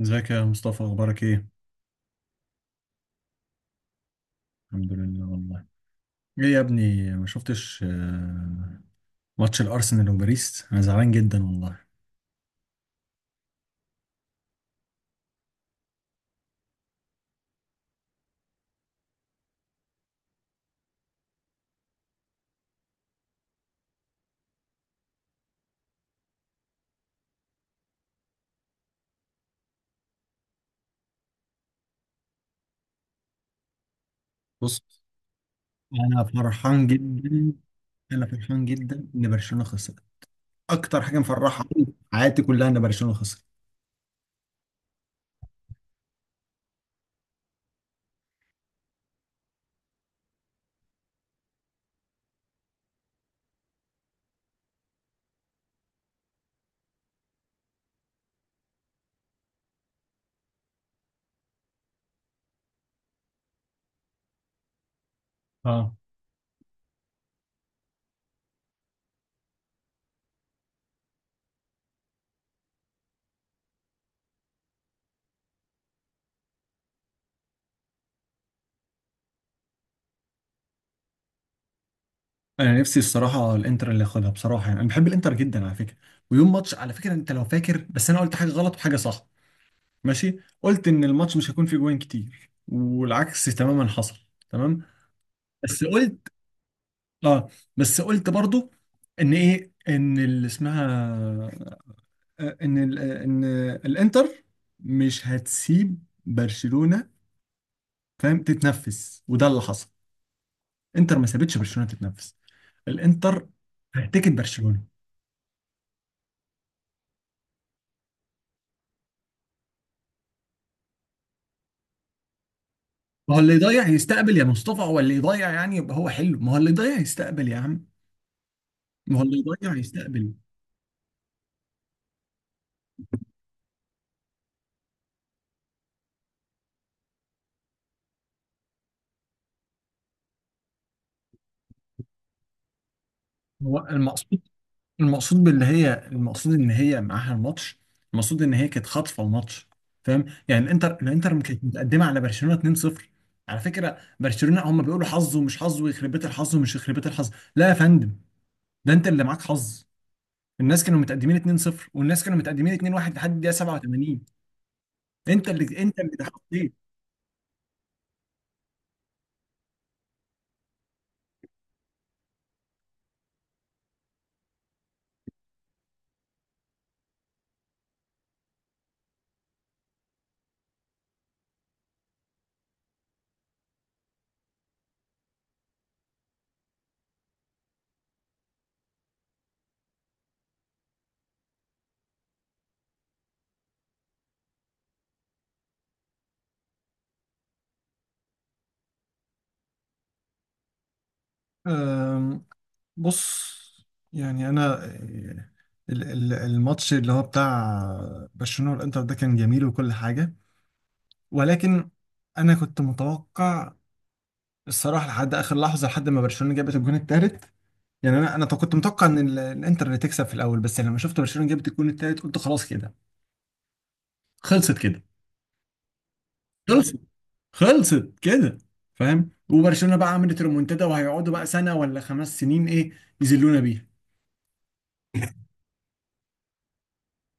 ازيك يا مصطفى اخبارك ايه؟ الحمد لله والله. ايه يا ابني ما شفتش ماتش الارسنال وباريس، انا زعلان جدا والله. بص، انا فرحان جدا. انا فرحان جدا ان برشلونة خسر. اكتر حاجه مفرحه في حياتي كلها ان برشلونة خسر. اه، انا نفسي الصراحه الانتر اللي ياخدها بصراحه، يعني انا بحب الانتر جدا على فكره. ويوم ماتش، على فكره انت لو فاكر، بس انا قلت حاجه غلط وحاجه صح. ماشي، قلت ان الماتش مش هيكون فيه جوان كتير، والعكس تماما حصل. تمام. بس قلت، اه، بس قلت برضو ان ايه، ان اللي اسمها، آه، ان ال- آه، ان الانتر مش هتسيب برشلونة، فاهم، تتنفس، وده اللي حصل. انتر ما سابتش برشلونة تتنفس. الانتر هتكت برشلونة. ما هو اللي يضيع يستقبل يا مصطفى، هو اللي يضيع يعني يبقى هو حلو، ما هو اللي يضيع يستقبل يا عم. ما هو اللي يضيع يستقبل. هو المقصود، المقصود باللي هي، المقصود ان هي معاها الماتش. المقصود ان هي كانت خاطفه الماتش. فاهم؟ يعني الانتر ما كانت متقدمه على برشلونه 2-0. على فكره برشلونه هم بيقولوا حظ ومش حظ ويخرب بيت الحظ ومش يخرب بيت الحظ. لا يا فندم، ده انت اللي معاك حظ. الناس كانوا متقدمين 2-0، والناس كانوا متقدمين 2-1 لحد الدقيقه 87. انت اللي اتحطيت. أم، بص، يعني الماتش اللي هو بتاع برشلونة والانتر ده كان جميل وكل حاجة، ولكن انا كنت متوقع الصراحه لحد اخر لحظه، لحد ما برشلونه جابت الجون الثالث. يعني انا كنت متوقع ان الانتر اللي تكسب في الاول، بس لما شفت برشلونه جابت الجون الثالث قلت خلاص كده، خلصت كده. خلصت. خلصت كده. فاهم؟ وبرشلونه بقى عملت ريمونتادا وهيقعدوا بقى سنه ولا خمس سنين ايه يذلونا بيها.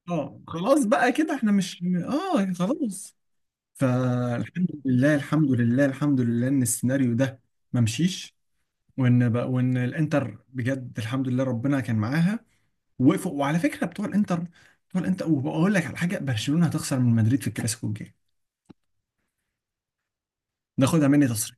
اه خلاص بقى كده، احنا مش، اه خلاص. فالحمد لله، الحمد لله، الحمد لله ان السيناريو ده ما مشيش، وان بقى، وان الانتر بجد الحمد لله ربنا كان معاها ووقفوا. وعلى فكره بتوع الانتر وبقول لك على حاجه، برشلونه هتخسر من مدريد في الكلاسيكو الجاي، ناخدها مني تصريح.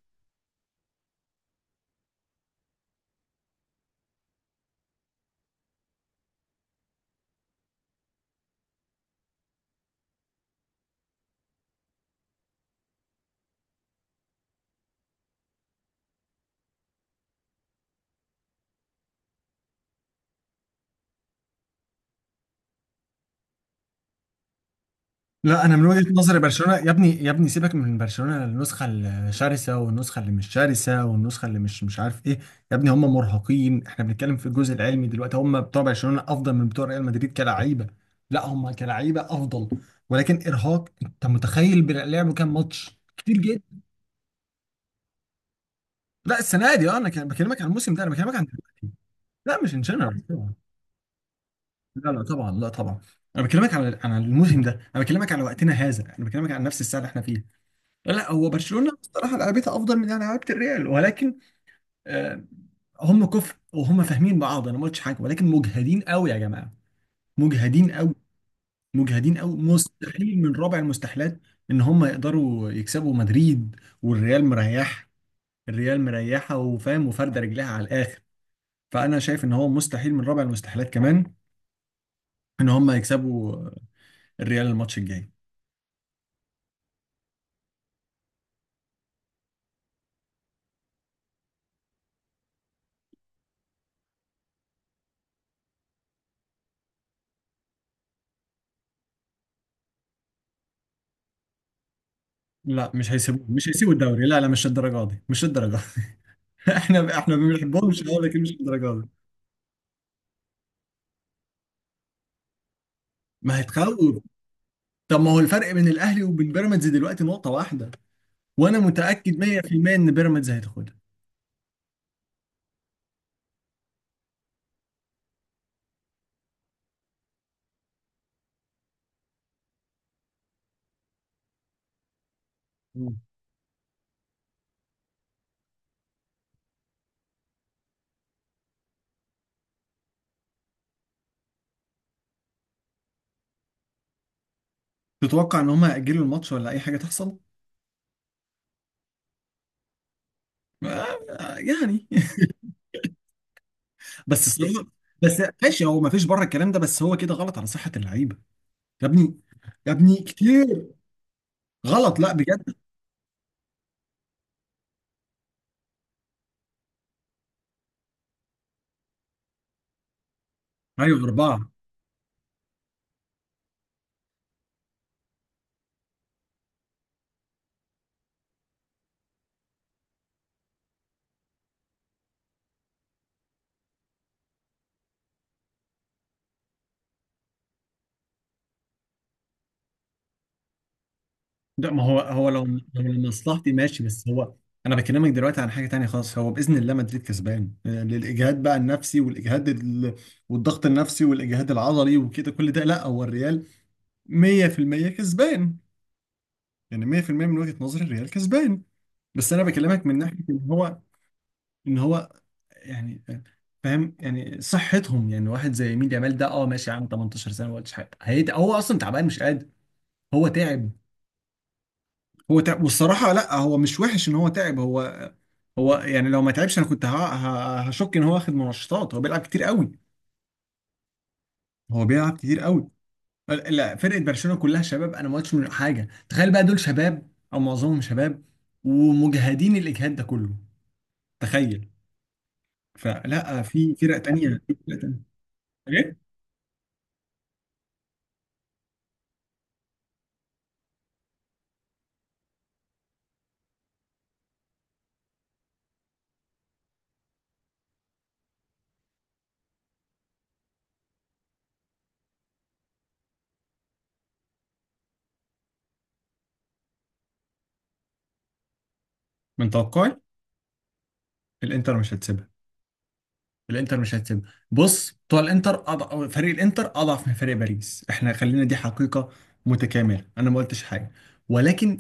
لا، انا من وجهة نظري برشلونة، يا ابني سيبك من برشلونة النسخة الشرسة والنسخة اللي مش شرسة والنسخة اللي مش عارف ايه. يا ابني هم مرهقين، احنا بنتكلم في الجزء العلمي دلوقتي. هم بتوع برشلونة افضل من بتوع ريال مدريد كلاعيبة. لا، هم كلاعيبة افضل، ولكن ارهاق، انت متخيل بيلعبوا كام ماتش كتير؟ لا السنه دي، اه انا كان بكلمك عن الموسم ده، انا بكلمك عن دلوقتي. لا مش ان جنرال طبعا، لا لا طبعا، لا طبعا. انا بكلمك على عن الموسم ده، انا بكلمك على وقتنا هذا، انا بكلمك عن نفس الساعه اللي احنا فيها. لا لا، هو برشلونه بصراحه لعبتها افضل من لعبه الريال، ولكن آه، هم كفر وهم فاهمين بعض، انا ما قلتش حاجه، ولكن مجهدين قوي يا جماعه. مجهدين قوي. مجهدين قوي. مستحيل من رابع المستحيلات ان هم يقدروا يكسبوا مدريد. والريال مريح، الريال مريحه وفاهم وفارده رجلها على الاخر. فانا شايف ان هو مستحيل من رابع المستحيلات كمان ان هم يكسبوا الريال الماتش الجاي. لا مش هيسيبوه، مش هيسيبوا الدوري، لا لا، مش الدرجه دي، مش الدرجه دي. احنا ما بنحبهمش اه، لكن مش الدرجه دي. ما هيتخوف. طب ما هو الفرق بين الاهلي وبين بيراميدز دلوقتي نقطه واحده، وانا متاكد 100% ان بيراميدز هتاخدها. مم. تتوقع ان هم هيأجلوا الماتش ولا اي حاجه تحصل؟ يعني، بس الصراحه، بس ماشي، هو ما فيش بره الكلام ده، بس هو كده غلط على صحه اللعيبه. يا ابني يا ابني كتير غلط، لا بجد. ايوه اربعه. ده ما هو هو لو لو لمصلحتي ماشي، بس هو، انا بكلمك دلوقتي عن حاجه تانية خالص. هو باذن الله مدريد كسبان، يعني الاجهاد بقى النفسي والاجهاد ال... والضغط النفسي والاجهاد العضلي وكده كل ده، لا هو الريال 100% كسبان. يعني 100% من وجهه نظري الريال كسبان. بس انا بكلمك من ناحيه ان هو، ان هو، يعني فاهم يعني صحتهم. يعني واحد زي يمين يامال ده اه ماشي يا عم، 18 سنه، ما قلتش حاجه. هو اصلا تعبان مش قادر، هو تعب. هو تعب، والصراحة لا، هو مش وحش ان هو تعب. هو، هو يعني لو ما تعبش انا كنت هشك ان هو واخد منشطات. هو بيلعب كتير قوي. هو بيلعب كتير قوي. لا فرقة برشلونة كلها شباب، انا ما قلتش من حاجة. تخيل بقى دول شباب او معظمهم شباب ومجهدين الاجهاد ده كله، تخيل. فلا، في فرق تانية، في فرق تانية. ايه؟ من توقعي الانتر مش هتسيبها. الانتر مش هتسيب، بص، بتوع الانتر فريق الانتر اضعف من فريق باريس، احنا خلينا دي حقيقة متكاملة، انا ما قلتش حاجة. ولكن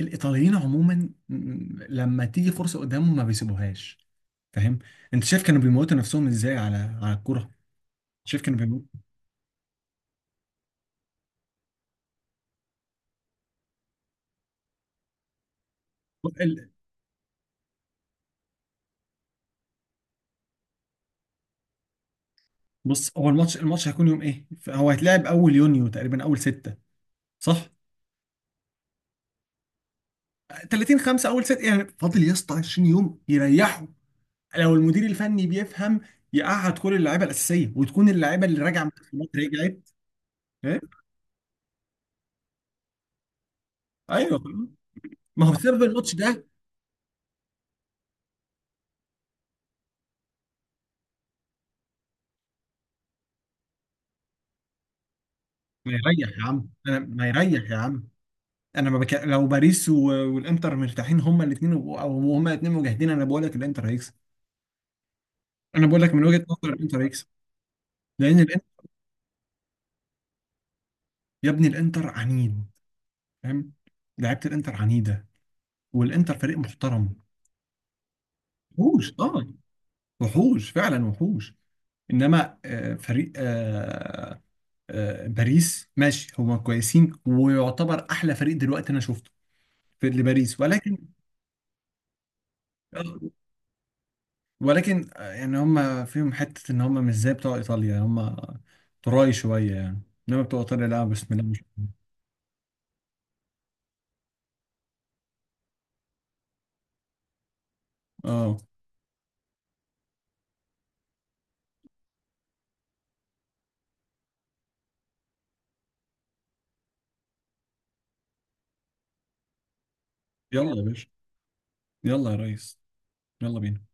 الايطاليين عموما، لما تيجي فرصة قدامهم ما بيسيبوهاش، فاهم. انت شايف كانوا بيموتوا نفسهم ازاي على على الكرة؟ شايف كانوا بيموتوا؟ ال- بص، هو الماتش، الماتش هيكون يوم ايه، هو هيتلعب اول يونيو تقريبا، اول ستة، صح؟ 30 5 اول ستة، يعني فاضل يا اسطى 20 يوم يريحوا. لو المدير الفني بيفهم يقعد كل اللعيبه الاساسيه، وتكون اللعيبه اللي راجعه من التصفيات رجعت. إيه؟ ايوه خلاص. ما هو بسبب الماتش ده. ما يريح يا عم، انا ما يريح يا عم، انا ما بك... لو باريس و... والانتر مرتاحين هما الاثنين، او هما الاثنين مجاهدين، انا بقول لك الانتر هيكسب. انا بقول لك من وجهه نظر الانتر هيكسب، لان الانتر، يا ابني الانتر عنيد، فاهم، لعيبه الانتر عنيده، والانتر فريق محترم. وحوش، اه، وحوش فعلا، وحوش. انما آه، فريق آه، آه، باريس ماشي هما كويسين، ويعتبر احلى فريق دلوقتي انا شفته في لباريس، ولكن آه، يعني هما فيهم حته ان هما مش زي بتوع ايطاليا، هما تراي شويه يعني. انما بتوع ايطاليا، لا، بسم الله ما شاء الله. اه، يلا يا باشا، يلا يا ريس، يلا بينا.